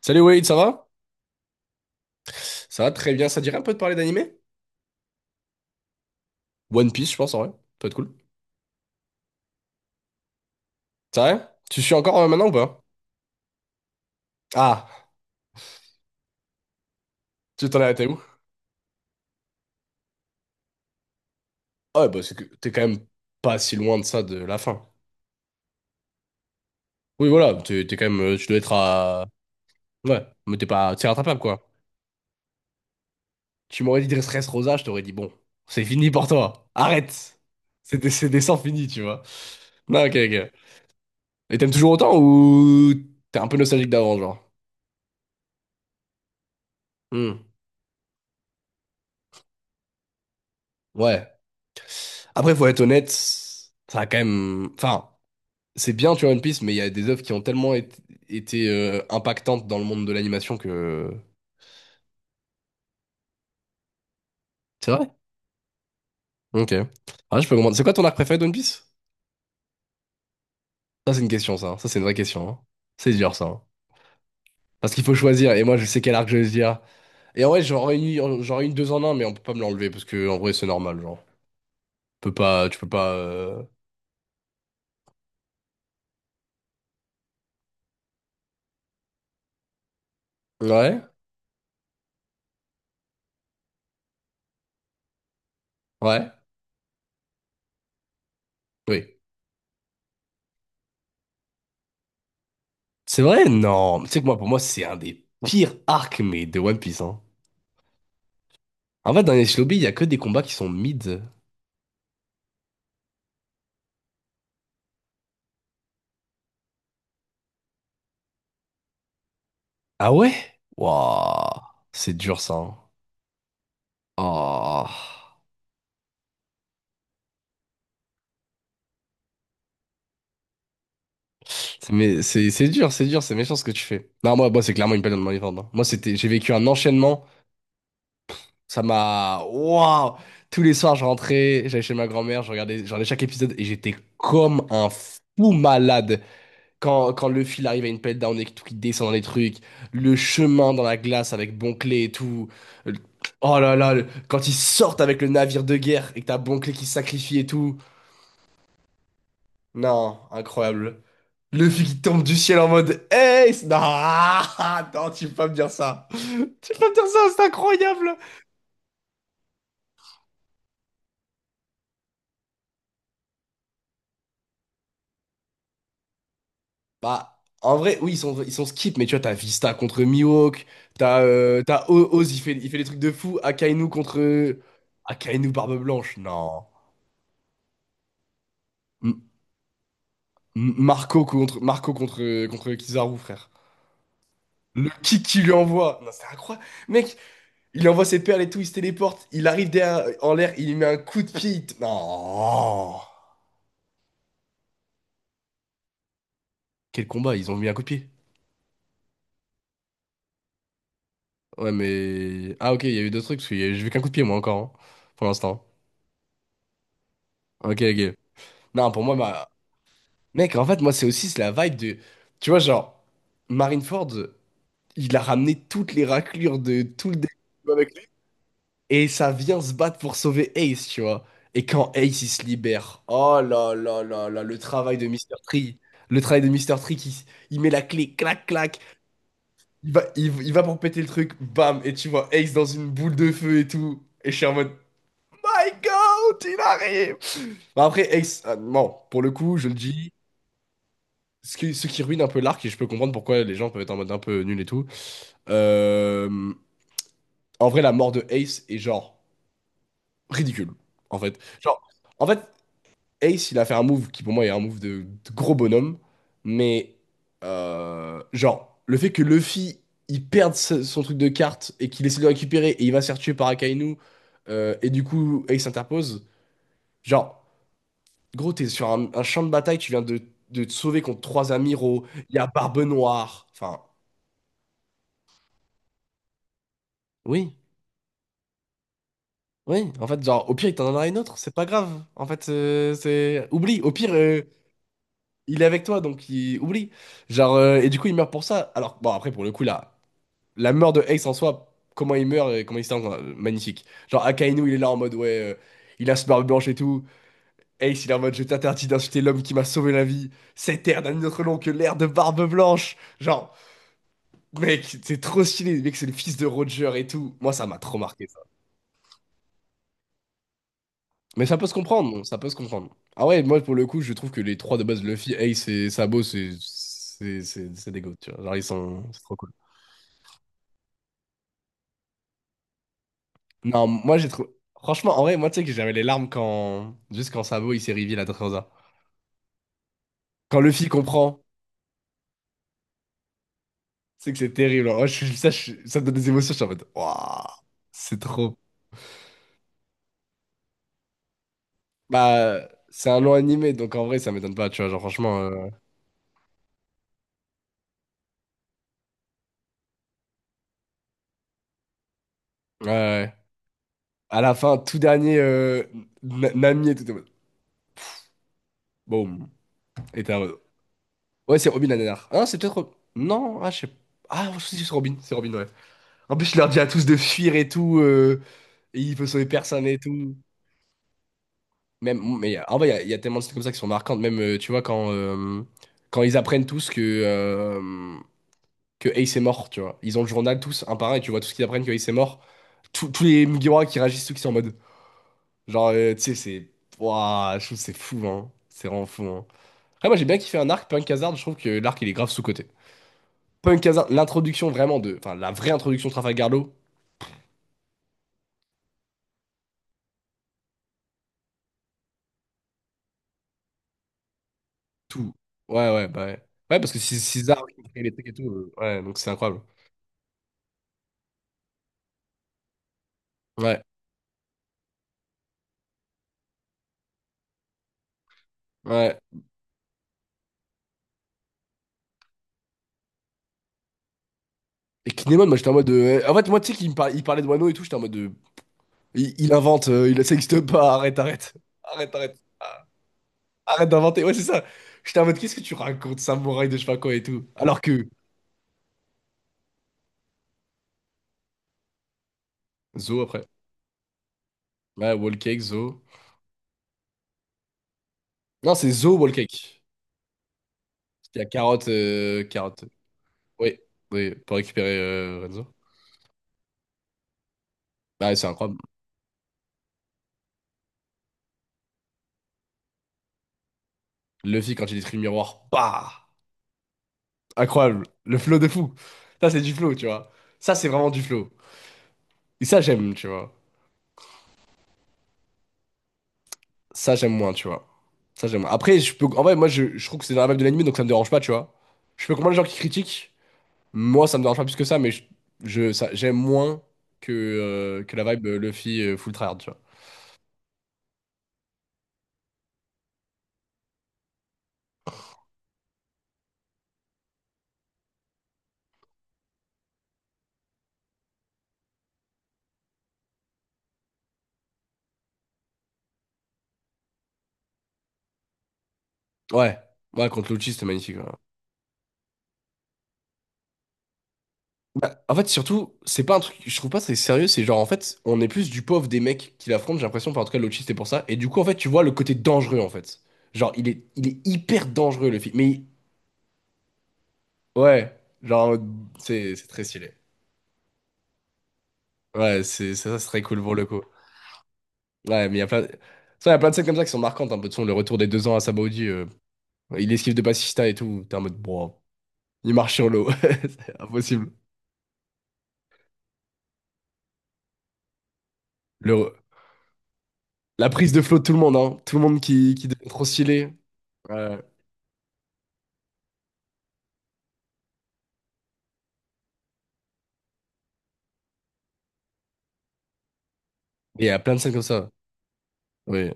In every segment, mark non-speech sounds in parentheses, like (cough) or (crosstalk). Salut Wade, ça va? Ça va très bien, ça te dirait un peu de parler d'animé? One Piece, je pense, en vrai. Ça peut être cool. C'est vrai? Tu suis encore maintenant ou pas? Ah, tu t'en es arrêté où? Ah ouais, bah c'est que t'es quand même pas si loin de ça de la fin. Oui, voilà, t'es quand même. Tu dois être à. Ouais, mais t'es pas. T'es rattrapable, quoi. Tu m'aurais dit Dressrosa, je t'aurais dit bon, c'est fini pour toi. Arrête! C'est des sangs finis, tu vois. Non, ok, ok. Et t'aimes toujours autant ou t'es un peu nostalgique d'avant, genre? Hmm. Ouais. Après, faut être honnête, ça a quand même. Enfin. C'est bien, tu vois, One Piece, mais il y a des œuvres qui ont tellement été impactantes dans le monde de l'animation que... C'est vrai? Ok. Ah, je peux comprendre. C'est quoi ton arc préféré de One Piece? Ça, c'est une question, ça. Ça, c'est une vraie question, hein. C'est dur, ça, hein. Parce qu'il faut choisir, et moi, je sais quel arc je vais dire. Et en vrai, j'en réunis deux en un, mais on peut pas me l'enlever, parce que, en vrai, c'est normal, genre. Tu peux pas... Ouais? Ouais? Oui. C'est vrai? Non. Tu sais que moi, pour moi, c'est un des pires arcs, mais de One Piece, hein. En fait, dans les Shinobi, il y a que des combats qui sont mid. Ah ouais? Waouh, c'est dur ça, hein. Ah. C'est- Mais c'est dur, c'est dur, c'est méchant ce que tu fais. Non, moi c'est clairement une période de mon, hein. Moi, c'était, j'ai vécu un enchaînement. Ça m'a. Waouh! Tous les soirs, je rentrais, j'allais chez ma grand-mère, je regardais chaque épisode et j'étais comme un fou malade. Quand le fil arrive à une pelle down et que tout qui descend dans les trucs, le chemin dans la glace avec Bonclé et tout. Le- Oh là là, le- quand ils sortent avec le navire de guerre et que t'as Bonclé qui se sacrifie et tout. Non, incroyable. Luffy qui tombe du ciel en mode Hey! C'est- Non, (laughs) non, tu peux pas me dire ça. (laughs) Tu peux pas me dire ça, c'est incroyable. Bah, en vrai, oui, ils sont skip, mais tu vois, t'as Vista contre Mihawk, t'as t'as O- Oz, il fait des trucs de fou. Akainu contre. Akainu Barbe Blanche, non. M- M- Marco contre, contre Kizaru, frère. Le kick qu'il lui envoie. Non, c'est incroyable. Mec, il envoie ses perles et tout, il se téléporte, il arrive derrière, en l'air, il lui met un coup de pied. Il t- Non! Quel combat, ils ont mis un coup de pied. Ouais, mais. Ah, ok, il y a eu d'autres trucs, parce que y a- j'ai vu qu'un coup de pied, moi, encore, hein, pour l'instant. Ok, ok. Non, pour moi, bah mec, en fait, moi, c'est aussi c'est la vibe de. Tu vois, genre, Marineford, il a ramené toutes les raclures de tout le dé- Et ça vient se battre pour sauver Ace, tu vois. Et quand Ace, il se libère, oh là là là là, le travail de Mister Tree. Le travail de Mister Tree qui il met la clé, clac, clac. Il va pour péter le truc, bam. Et tu vois Ace dans une boule de feu et tout. Et je suis en mode, My God, il arrive! Bon, après, Ace, non, pour le coup, je le dis, ce qui ruine un peu l'arc, et je peux comprendre pourquoi les gens peuvent être en mode un peu nul et tout. euh, En vrai, la mort de Ace est genre ridicule, en fait. Genre, en fait, Ace, il a fait un move qui pour moi est un move de gros bonhomme, mais genre, le fait que Luffy, il perde ce- son truc de carte et qu'il essaie de le récupérer et il va se faire tuer par Akainu, et du coup Ace interpose, genre, gros, t'es sur un champ de bataille, tu viens de te sauver contre trois amiraux, il y a Barbe Noire, enfin, oui. Oui, en fait, genre, au pire, il t'en donnera une autre, c'est pas grave. En fait, c'est. Oublie, au pire, il est avec toi, donc il... oublie. Genre, et du coup, il meurt pour ça. Alors, bon, après, pour le coup, là, la mort de Ace en soi, comment il meurt et comment il se tend, magnifique. Genre, Akainu, il est là en mode, ouais, il a ce barbe blanche et tout. Ace, il est en mode, je t'interdis d'insulter l'homme qui m'a sauvé la vie. Cette ère n'a autre nom que l'ère de Barbe Blanche. Genre, mec, c'est trop stylé. Mec, c'est le fils de Roger et tout. Moi, ça m'a trop marqué, ça. Mais ça peut se comprendre, bon, ça peut se comprendre. Ah ouais, moi, pour le coup, je trouve que les trois de base, Luffy, Ace et Sabo, c'est. C'est des goats, tu vois. Genre, ils sont. C'est trop cool. Non, moi j'ai trouvé. Franchement, en vrai, moi tu sais que j'avais les larmes quand. Juste quand Sabo il s'est reveal à Dressrosa. Quand Luffy comprend, c'est que c'est terrible. Moi, je suis- ça, je- ça me donne des émotions, je suis en mode. Waouh, c'est trop. Bah, c'est un long animé, donc en vrai, ça m'étonne pas, tu vois. Genre, franchement. Ouais, ouais. À la fin, tout dernier, Na- Nami et tout. T'es en mode, Boum. Et t'es en mode, Ouais, c'est Robin la dernière. Ah, non, c'est peut-être. Rob- Non, ah, je sais pas. Ah, je sais que c'est Robin, ouais. En plus, il leur dit à tous de fuir et tout. Et il peut sauver personne et tout. Même, mais en vrai, il y a tellement de scènes comme ça qui sont marquantes. Même, tu vois, quand, quand ils apprennent tous que Ace est mort, tu vois. Ils ont le journal tous, un par un, et tu vois tout ce qu'ils apprennent que Ace est mort. Tous les Mugiwara qui réagissent, tous qui sont en mode. Genre, tu sais, c'est. Ouah, je trouve que c'est fou, hein. C'est vraiment fou, hein. Après, moi, j'ai bien kiffé un arc, Punk Hazard. Je trouve que l'arc, il est grave sous-coté. Punk Hazard, l'introduction vraiment de. Enfin, la vraie introduction de Trafalgar Law, tout. Ouais, ouais, bah ouais. Ouais, parce que c'est César qui crée les trucs et tout. Ouais, donc c'est incroyable. Ouais, ouais. Et Kinemon, moi j'étais en mode. De- En fait, moi tu sais qu'il me parlait, il parlait de Wano et tout, j'étais en mode. De- Il invente, il, ça existe pas, arrête, arrête. Arrête, arrête. Ah, arrête d'inventer, ouais, c'est ça. J'étais en mode, qu'est-ce que tu racontes, samouraï de je sais pas quoi et tout. Alors que. Zo après. Ouais, Wall Cake, Zo. Non, c'est Zo Wall Cake. Il y a carotte. Oui, oui, pour récupérer Renzo. Bah, ouais, c'est incroyable. Luffy, quand il détruit le miroir, bah! Incroyable. Le flow de fou. Ça, c'est du flow, tu vois. Ça, c'est vraiment du flow. Et ça, j'aime, tu vois. Ça, j'aime moins, tu vois. Ça, j'aime moins. Après, je peux... en vrai, moi, je trouve que c'est dans la vibe de l'anime, donc ça me dérange pas, tu vois. Je peux comprendre les gens qui critiquent. Moi, ça me dérange pas plus que ça, mais j'aime moins que la vibe Luffy full tryhard, tu vois. Ouais. Ouais, contre Lucci, c'était magnifique, ouais. Bah, en fait, surtout, c'est pas un truc. Je trouve pas c'est sérieux. C'est genre, en fait, on est plus du pauvre des mecs qui l'affrontent, j'ai l'impression. Enfin, en tout cas, Lucci, c'était pour ça. Et du coup, en fait, tu vois le côté dangereux, en fait. Genre, il est hyper dangereux, le film. Mais, ouais. Genre, c'est très stylé. Ouais, c'est, ça serait cool pour le coup. Ouais, mais il y a plein, ça, il y a plein de scènes comme ça qui sont marquantes, un peu de son, le retour des 2 ans à Sabaody, il esquive de Pacista et tout, t'es en mode, bon, il marche sur l'eau, (laughs) c'est impossible. Le, la prise de flot de tout le monde, hein, tout le monde qui devient trop stylé. Ouais. Et il y a plein de scènes comme ça, oui.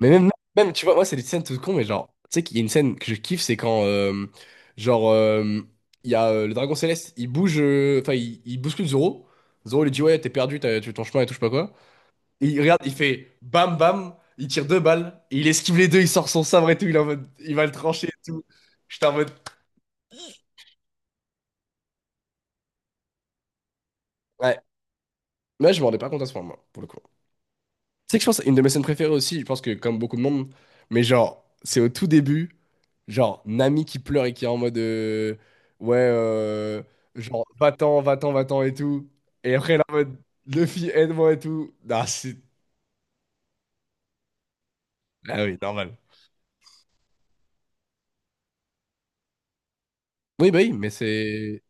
Mais même, même, tu vois, moi, c'est des scènes tout con, mais genre, tu sais qu'il y a une scène que je kiffe, c'est quand, genre, euh, il y a le dragon céleste, il bouge, enfin, il bouscule Zoro. Zoro lui dit, ouais, t'es perdu, t'as tué ton chemin et tout, je sais pas quoi. Et il regarde, il fait bam bam, il tire deux balles, et il esquive les deux, il sort son sabre et tout, il est en mode, il va le trancher et tout. J'étais en mode. Ouais. Moi, je me rendais pas compte à ce moment, pour le coup. Tu sais que je pense, une de mes scènes préférées aussi, je pense que comme beaucoup de monde, mais genre, c'est au tout début, genre, Nami qui pleure et qui est en mode, ouais, euh, genre, va-t'en, va-t'en, va-t'en et tout. Et après, elle est en mode, Luffy, aide-moi et tout. Ah, c'est. Ah oui, normal. Oui, bah oui, mais c'est.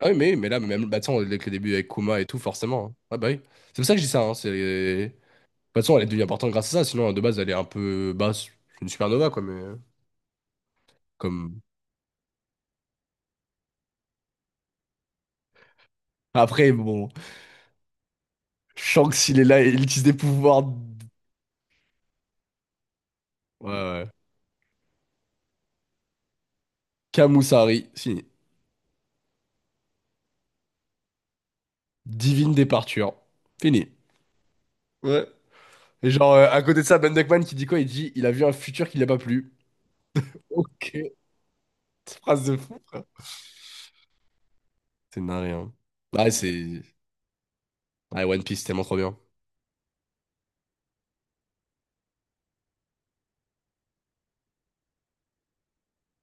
Ah oui, mais là, même, bah, tu sais, on- avec le début avec Kuma et tout, forcément, hein. Ah bah oui. C'est pour ça que je dis ça. Hein, c'est... De toute façon, elle est devenue importante grâce à ça. Sinon, de base, elle est un peu. Basse, c'est une supernova, quoi. Mais. Comme. Après, bon. Shanks, il est là et il utilise des pouvoirs. D- Ouais, ouais. Kamusari, fini. Divine départure. Fini. Ouais. Et genre, à côté de ça, Ben Duckman qui dit quoi? Il dit il a vu un futur qui n'a pas plu. Ok. Cette phrase de fou, frère. C'est narré, hein. Ah, c'est. Ah, One Piece, c'est tellement trop bien.